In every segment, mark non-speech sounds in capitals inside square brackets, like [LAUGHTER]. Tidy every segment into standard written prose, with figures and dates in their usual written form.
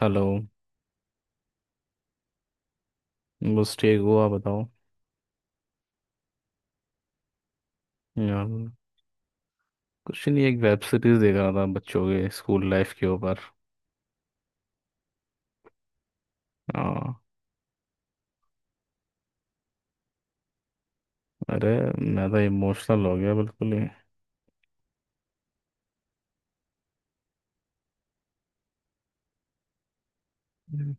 Hello. बस ठीक हो। आप बताओ। यार कुछ नहीं, एक वेब सीरीज देख रहा था बच्चों के स्कूल लाइफ के ऊपर। हाँ। अरे, मैं तो इमोशनल हो गया बिल्कुल ही। हम्म।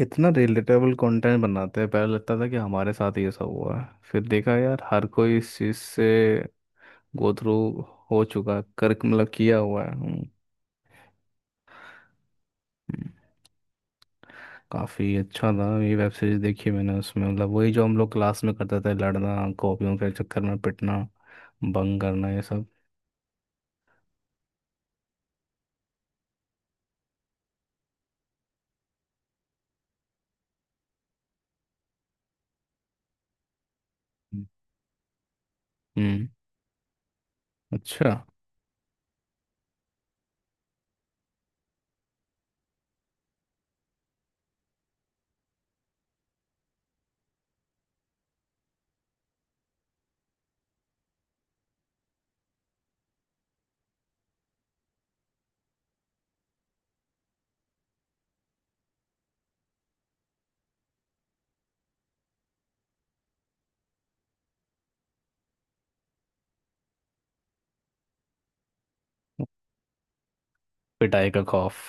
इतना रिलेटेबल कंटेंट बनाते हैं। पहले लगता था कि हमारे साथ ये सब हुआ है, फिर देखा यार हर कोई इस चीज से गो थ्रू हो चुका है, कर मतलब किया हुआ है। हम्म। काफी अच्छा था ये वेब सीरीज, देखी मैंने। उसमें मतलब वही जो हम लोग क्लास में करते थे, लड़ना, कॉपियों के चक्कर में पिटना, बंग करना, ये सब। हम्म। अच्छा। पिटाई का खौफ।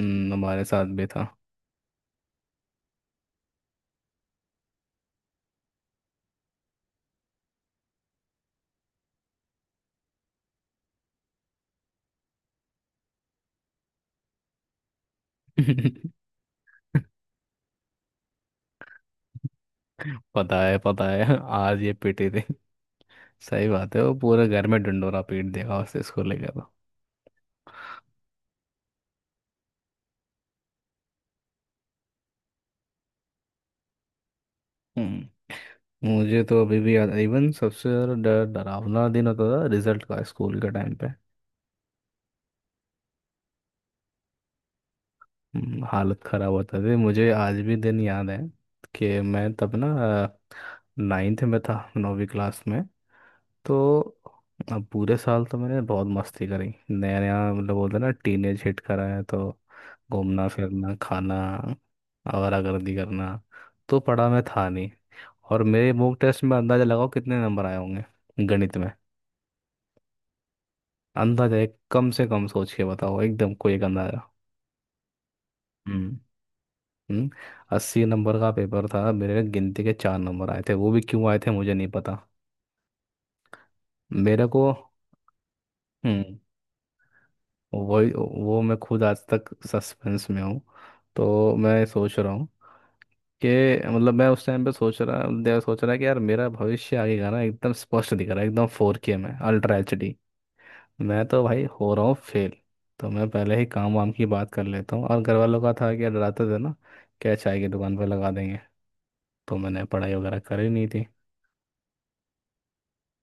हमारे साथ भी था। [LAUGHS] पता है, पता है, आज ये पिटे थे। सही बात है, वो पूरे घर में डंडोरा पीट देगा, उसे स्कूल लेकर तो। हम्म। मुझे तो अभी भी याद, इवन सबसे ज़्यादा डर, डरावना दिन होता था रिजल्ट का स्कूल के टाइम पे। हालत ख़राब होता थी। मुझे आज भी दिन याद है कि मैं तब ना 9th में था, 9वीं क्लास में तो। अब पूरे साल तो मैंने बहुत मस्ती करी। नया नया, मतलब बोलते हैं ना, टीनेज हिट करा है तो घूमना, फिरना, खाना, आवारागर्दी करना। तो पढ़ा मैं था नहीं। और मेरे मॉक टेस्ट में अंदाजा लगाओ कितने नंबर आए होंगे गणित में। अंदाजा, एक कम से कम सोच के बताओ, एकदम, कोई एक अंदाजा। हम्म। हम्म। 80 नंबर का पेपर था, मेरे गिनती के 4 नंबर आए थे। वो भी क्यों आए थे मुझे नहीं पता। मेरे को। हम्म। वही। वो मैं खुद आज तक सस्पेंस में हूँ। तो मैं सोच रहा हूँ कि, मतलब मैं उस टाइम पे सोच रहा कि यार मेरा भविष्य आगे का ना एकदम स्पष्ट दिख रहा है, एकदम 4K में Ultra HD। मैं तो भाई हो रहा हूँ फेल। तो मैं पहले ही काम वाम की बात कर लेता हूँ। और घर वालों का था कि डराते थे ना, क्या चाय की दुकान पर लगा देंगे। तो मैंने पढ़ाई वगैरह करी नहीं थी।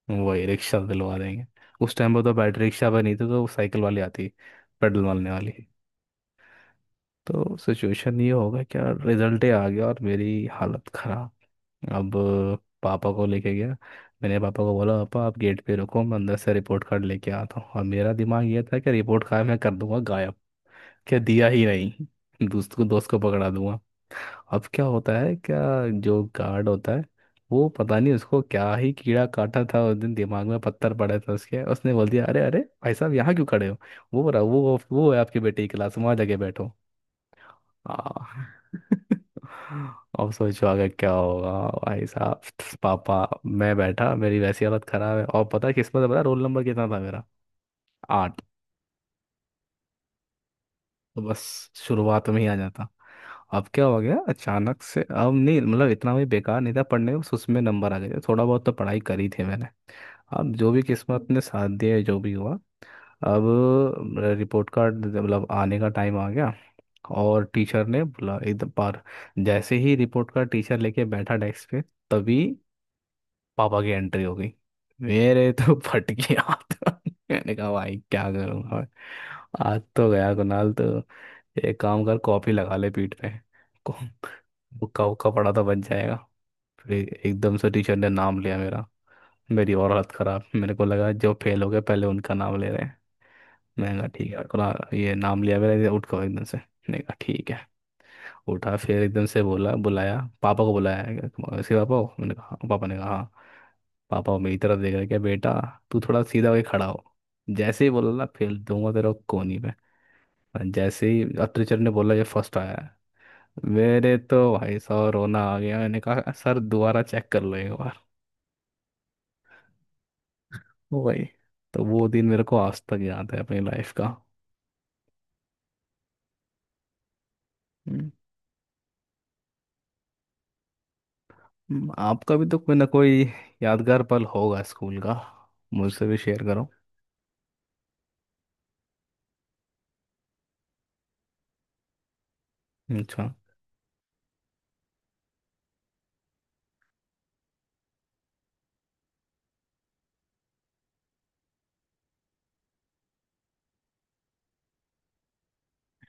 वही, रिक्शा दिलवा देंगे। उस टाइम पर तो बैटरी रिक्शा पर नहीं थी, तो वो साइकिल वाली आती, पेडल मारने वाली। तो सिचुएशन ये होगा, क्या रिजल्ट ही आ गया और मेरी हालत खराब। अब पापा को लेके गया। मैंने पापा को बोला, पापा आप गेट पे रुको, मैं अंदर से रिपोर्ट कार्ड लेके आता हूँ। और मेरा दिमाग ये था कि रिपोर्ट कार्ड मैं कर दूंगा गायब। क्या दिया ही नहीं, दोस्त को, दोस्त को पकड़ा दूंगा। अब क्या होता है क्या, जो गार्ड होता है, वो पता नहीं उसको क्या ही कीड़ा काटा था उस दिन, दिमाग में पत्थर पड़े थे उसके, उसने बोल दिया अरे अरे, भाई साहब यहाँ क्यों खड़े हो, वो रहा वो है आपके बेटे की क्लास, वहाँ जाके बैठो। आ, [LAUGHS] अब सोचो आगे क्या होगा। भाई साहब, पापा। मैं बैठा, मेरी वैसी हालत खराब है। और पता है किस्मत है, पता है, रोल नंबर कितना था मेरा? 8। तो बस शुरुआत में ही आ जाता। अब क्या हो गया अचानक से, अब नहीं मतलब इतना भी बेकार नहीं था पढ़ने में, बस उसमें नंबर आ गए थे, थोड़ा बहुत तो पढ़ाई करी थी मैंने। अब जो भी किस्मत ने साथ दिया, जो भी हुआ। अब रिपोर्ट कार्ड, मतलब आने का टाइम आ गया। और टीचर ने बोला एकदम पार। जैसे ही रिपोर्ट का टीचर लेके बैठा डेस्क पे, तभी पापा की एंट्री हो गई। मेरे तो [LAUGHS] फट गया हाथ। [LAUGHS] मैंने कहा, भाई क्या करूँगा मैं? आज तो गया, कुणाल तो। एक काम कर, कॉपी लगा ले पीठ पे। को- हुक्का हुक्का पड़ा तो बच जाएगा। फिर एकदम से टीचर ने नाम लिया मेरा। मेरी और हालत खराब, मेरे को लगा जो फेल हो गए पहले उनका नाम ले रहे हैं। मैंने कहा ठीक है, कुणाल ये नाम लिया मेरा, ये उठ गया एकदम से। मैंने कहा ठीक है। उठा, फिर एकदम से बोला, बुलाया, पापा को बुलाया है क्या? तुम- इसके पापा को? मैंने कहा हाँ। पापा ने कहा हाँ। पापा वो मेरी तरफ देख रहे, क्या बेटा, तू थोड़ा सीधा होके खड़ा हो। जैसे ही बोला ना, फेल दूंगा तेरा कोहनी पे। और जैसे ही अब टीचर ने बोला ये फर्स्ट आया है, मेरे तो भाई साहब रोना आ गया। मैंने कहा, सर दोबारा चेक कर लो एक बार। वो भाई। तो वो दिन मेरे को आज तक याद है अपनी लाइफ का। हम्म। हम्म। आपका भी तो कोई ना कोई यादगार पल होगा स्कूल का, मुझसे भी शेयर करो। अच्छा।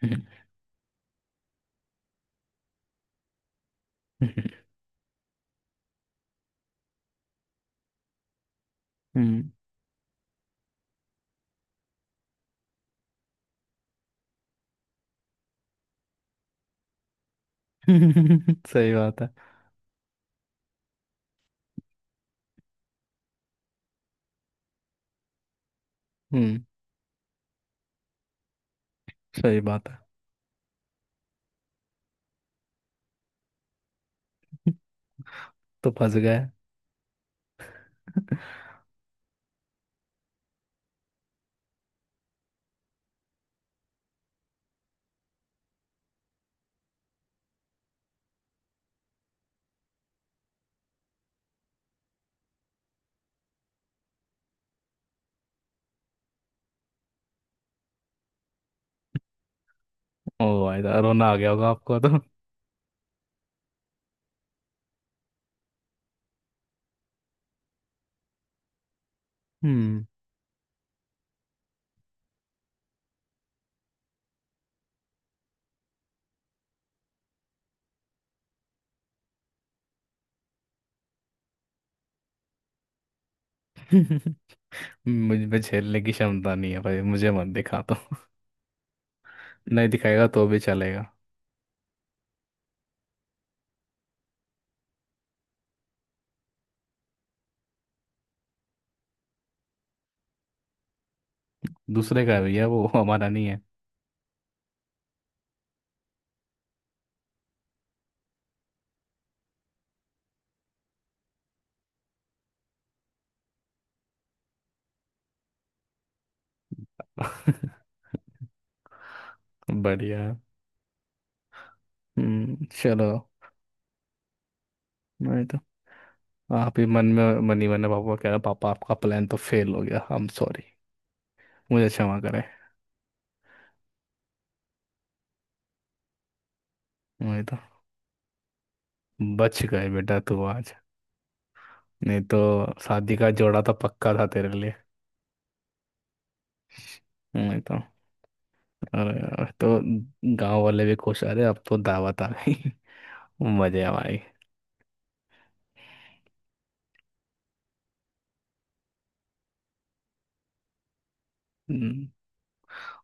[LAUGHS] हम्म। हम्म। [LAUGHS] सही बात है। हम्म। सही बात है। तो फंस गए। ओ भाई साहब, रोना आ गया होगा आपको तो। हम्म। [LAUGHS] मुझ में झेलने की क्षमता नहीं है भाई, मुझे मत दिखा तो। नहीं दिखाएगा तो भी चलेगा। दूसरे का भी है वो, [LAUGHS] हमारा नहीं है। बढ़िया है। हम्म, चलो। नहीं तो आप ही मन ही मन में पापा को कह रहे, पापा आपका प्लान तो फेल हो गया, आई एम सॉरी, मुझे क्षमा करें। नहीं तो बच गए बेटा तू आज। नहीं तो शादी का जोड़ा तो पक्का था तेरे लिए। नहीं तो, अरे यार तो गांव वाले भी खुश आ रहे, अब तो दावत आ गई। [LAUGHS] मजे आ भाई। हम्म,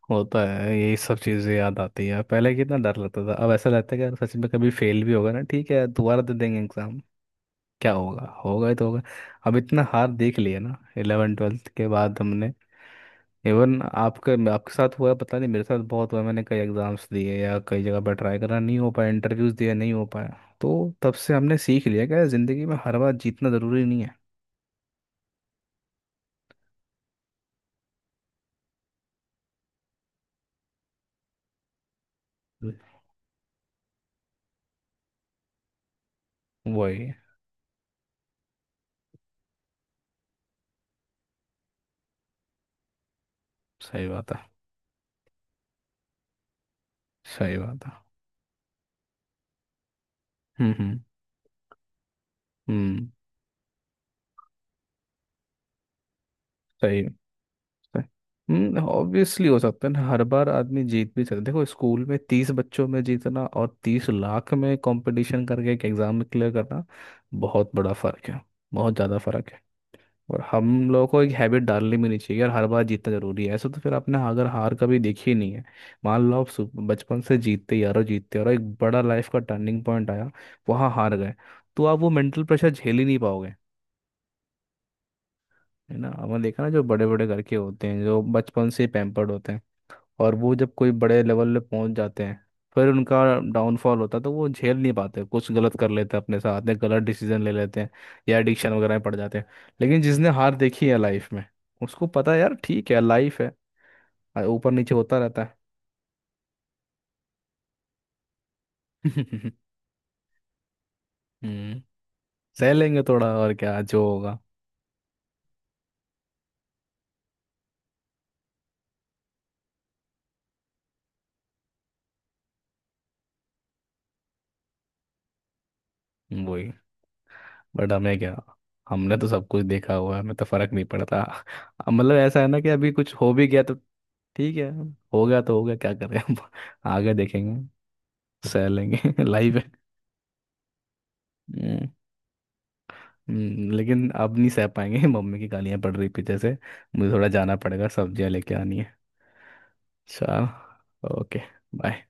होता है। यही सब चीजें याद आती है। पहले कितना डर लगता था, अब ऐसा लगता है कि यार सच में कभी फेल भी होगा ना, ठीक है दोबारा दे देंगे एग्जाम, क्या होगा, होगा ही तो होगा। अब इतना हार देख लिया ना 11th 12th के बाद हमने। इवन आपके आपके साथ हुआ है, पता नहीं, मेरे साथ बहुत हुआ है, मैंने कई एग्जाम्स दिए या कई जगह पर ट्राई करा नहीं हो पाया, इंटरव्यूज दिए नहीं हो पाया। तो तब से हमने सीख लिया कि यार, जिंदगी में हर बार जीतना जरूरी नहीं है। वही। सही बात है। सही बात है। हम्म। हम्म। हम्म। सही। सही। हम्म, ऑब्वियसली हो सकता है ना हर बार आदमी जीत भी सकता है। देखो, स्कूल में 30 बच्चों में जीतना और 30 लाख में कंपटीशन करके एक एग्जाम में क्लियर करना, बहुत बड़ा फर्क है। बहुत ज़्यादा फर्क है। और हम लोगों को एक हैबिट डालनी भी नहीं चाहिए यार, हर बार जीतना जरूरी है ऐसा, तो फिर आपने अगर हार कभी देखी ही नहीं है। मान लो आप बचपन से जीतते यारो, जीतते, और एक बड़ा लाइफ का टर्निंग पॉइंट आया, वहाँ हार गए, तो आप वो मेंटल प्रेशर झेल ही नहीं पाओगे। है ना, आपने देखा ना, जो बड़े बड़े घर के होते हैं, जो बचपन से पैम्पर्ड होते हैं, और वो जब कोई बड़े लेवल पे पहुंच जाते हैं, फिर उनका डाउनफॉल होता है, तो वो झेल नहीं पाते, कुछ गलत कर लेते हैं अपने साथ में, गलत डिसीजन ले लेते हैं, या एडिक्शन वगैरह में पड़ जाते हैं। लेकिन जिसने हार देखी है लाइफ में, उसको पता है यार, ठीक है लाइफ है, ऊपर नीचे होता रहता है। [LAUGHS] हम्म, सह लेंगे थोड़ा और, क्या, जो होगा। वही। बट हमें क्या, हमने तो सब कुछ देखा हुआ है, हमें तो फर्क नहीं पड़ता अब। मतलब ऐसा है ना कि अभी कुछ हो भी गया तो ठीक है, हो गया तो हो गया, क्या करें हम। [LAUGHS] आगे देखेंगे। सह लेंगे। [LAUGHS] लाइफ है। हम्म। लेकिन अब नहीं सह पाएंगे। [LAUGHS] मम्मी की गालियां पड़ रही पीछे से, मुझे थोड़ा जाना पड़ेगा, सब्जियां लेके आनी है। चल, ओके। बाय।